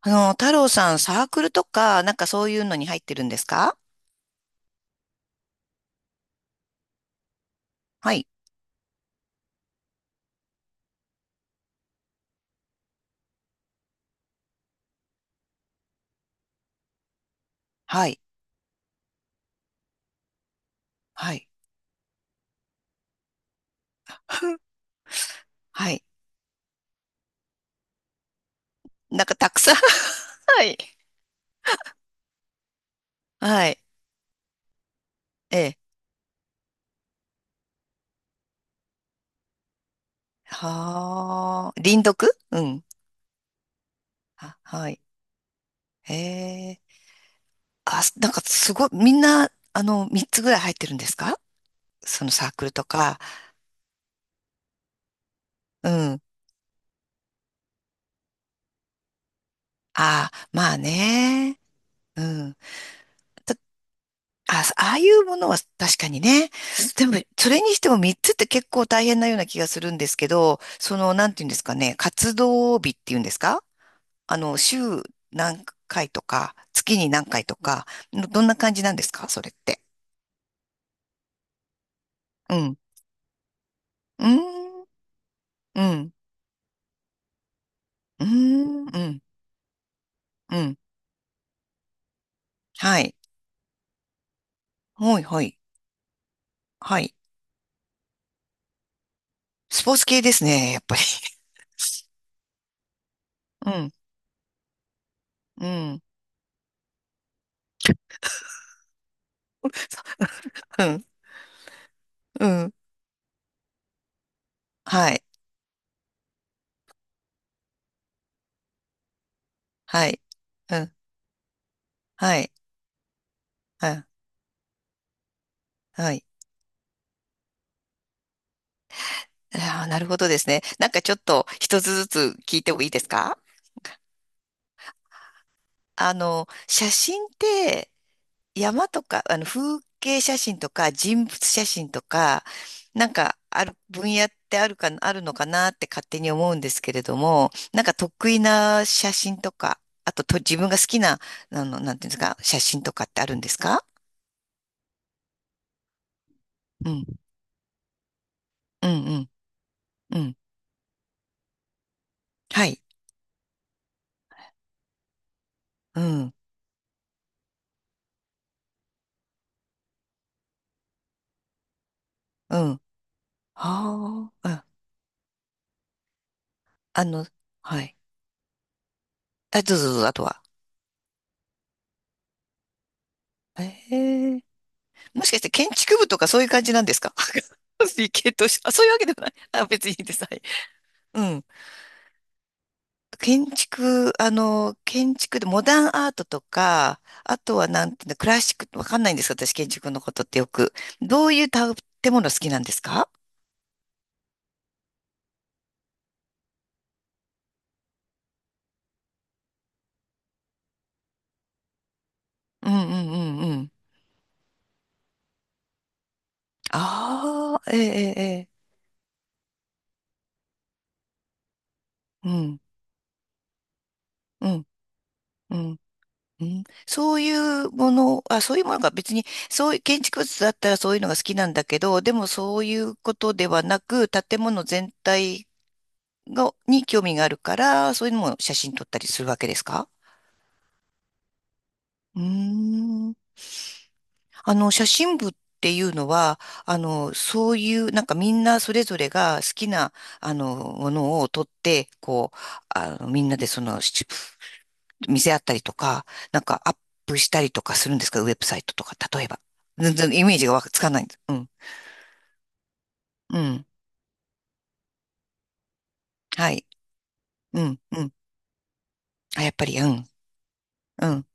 太郎さん、サークルとか、なんかそういうのに入ってるんですか？はい、はい、はい、はい。なんかたくさん はい、はい、ええ。はあ、輪読うん。ははい。ええ。あ、なんかすごい、みんな、3つぐらい入ってるんですか？そのサークルとか。うん。ああ、まあね。うん。あ、ああいうものは確かにね。でも、それにしても3つって結構大変なような気がするんですけど、その、なんていうんですかね、活動日っていうんですか？週何回とか、月に何回とか、どんな感じなんですかそれって？うん。うーん、うん、うーん、うん、うん。はい。はい、はい、はい。スポーツ系ですね、やっぱり。うん、うん。うん、うん。はい、はい。うん、はい、うん、はい。ああ、なるほどですね。なんかちょっと一つずつ聞いてもいいですか？写真って山とか、風景写真とか人物写真とか、なんかある、分野ってあるか、あるのかなって勝手に思うんですけれども、なんか得意な写真とか、あと自分が好きな、なんていうんですか、写真とかってあるんですか？うん、うん、うん、うん。はい。うん、うん。はあ、うん、あの、はい。あ、どうぞどうぞ、あとは。ええ、もしかして建築部とかそういう感じなんですか？ 理系とし、あ、そういうわけではない。あ、別にいいです。はい。うん。建築でモダンアートとか、あとはなんていうの、クラシック、わかんないんですか私、建築のことってよく。どういう建物好きなんですか？うんうんうんうん。ああ、ええええ。ええ、うん、うん、うん。うん、そういうもの、あ、そういうものが別に、そういう建築物だったらそういうのが好きなんだけど、でもそういうことではなく、建物全体に興味があるから、そういうのも写真撮ったりするわけですか？うーん。写真部っていうのは、そういう、なんかみんなそれぞれが好きな、ものを撮って、こう、みんなで見せ合ったりとか、なんかアップしたりとかするんですか？ウェブサイトとか、例えば。全然イメージがわかつかないんです。うん。うん。はい。うん。うん。あ、やっぱり、うん。うん。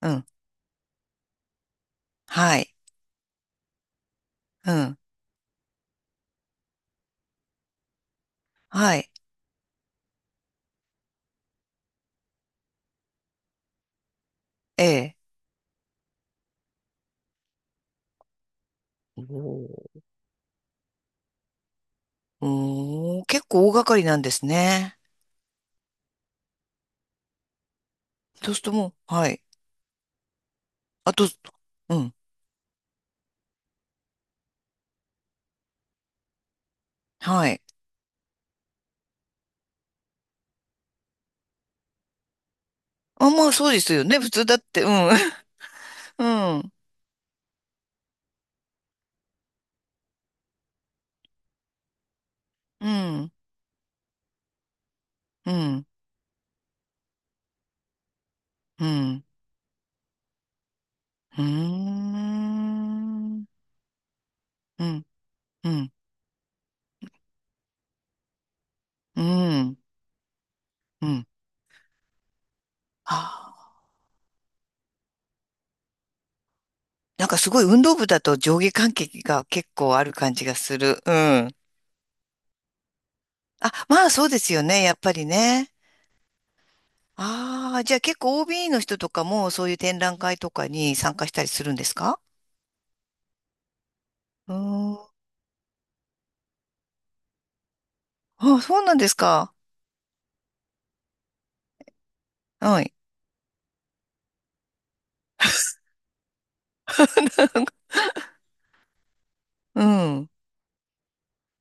うん。はい。うん。はい。ええ。おおー、結構大掛かりなんですね。そうするともう、はい。あと、うん。はい。あ、まあそうですよね。普通だって、うん。うん。うん。うん。うん。うーん。うん。うん。うん。うん。あー、なんかすごい運動部だと上下関係が結構ある感じがする。うん。あ、まあそうですよね。やっぱりね。ああ、じゃあ結構 OB の人とかもそういう展覧会とかに参加したりするんですか？うーん。あ、そうなんですか。はい。うん。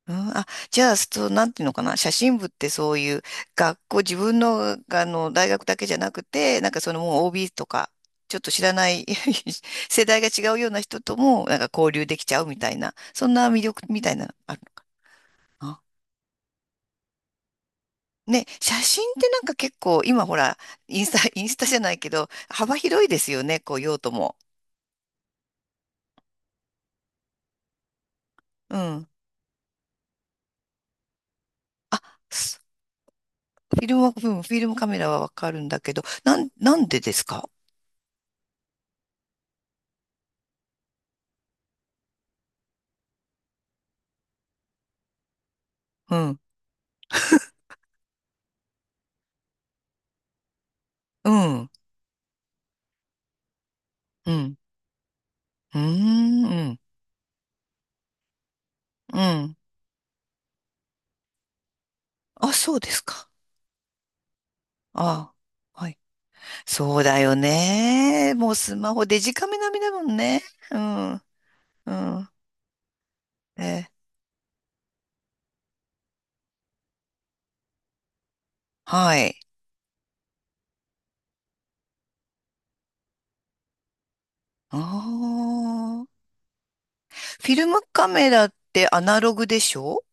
うん、あ、じゃあ、そう、なんていうのかな、写真部ってそういう学校、自分の、あの大学だけじゃなくて、なんかそのもう OB とか、ちょっと知らない 世代が違うような人とも、なんか交流できちゃうみたいな、そんな魅力みたいなのある。あね、写真ってなんか結構、今ほら、インスタ、インスタじゃないけど、幅広いですよね、こう用途も。うん。あ、すフィルムは、うん、フィルムカメラはわかるんだけど、なんでですか？うん、うん、うん。うーん、うん。あ、そうですか。ああ、はい。そうだよね。もうスマホデジカメ並みだもんね。うん、うん。え、はい。ああ。フィルムカメラってアナログでしょ？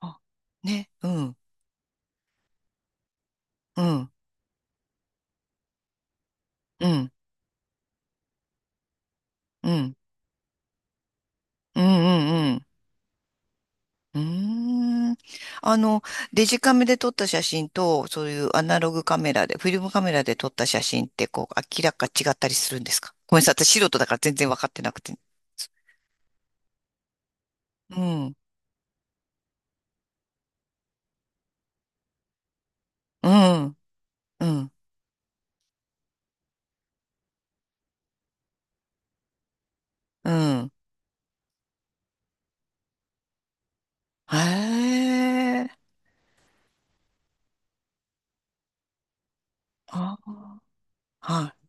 あ、ね。うん、うん、うん、うん、うん、うん、うん。うーん。あの、デジカメで撮った写真と、そういうアナログカメラで、フィルムカメラで撮った写真って、こう、明らか違ったりするんですか？ごめんなさい、私素人だから全然分かってなくて。うん、うん、うん、うん。へえ。あー、はい。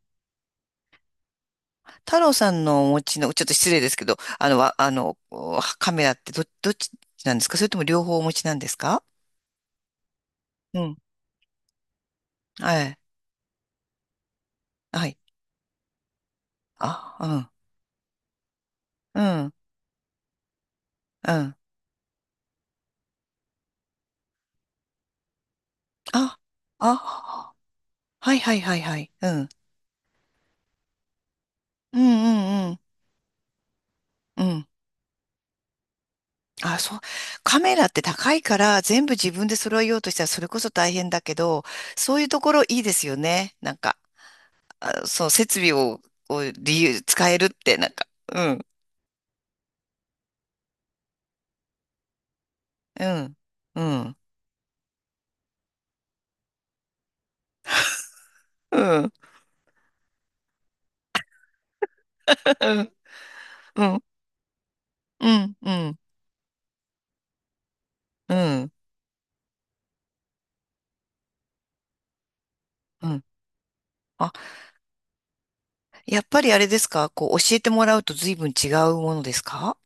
太郎さんのお持ちの、ちょっと失礼ですけど、あの、わあの、おカメラってどっちなんですか？それとも両方お持ちなんですか？うん。はい。はい。あ、うん、うん、うん。あ、あ、はいはいはいはい。うん。うんうんうん。うん。あ、そう。カメラって高いから全部自分で揃えようとしたらそれこそ大変だけど、そういうところいいですよね。なんか、あ、そう、設備を理由、使えるって、なんか、うん、うん、うん、うん、うん、うん、うん、うん、うん。うん、あ、やっぱりあれですかこう、教えてもらうと随分違うものですか？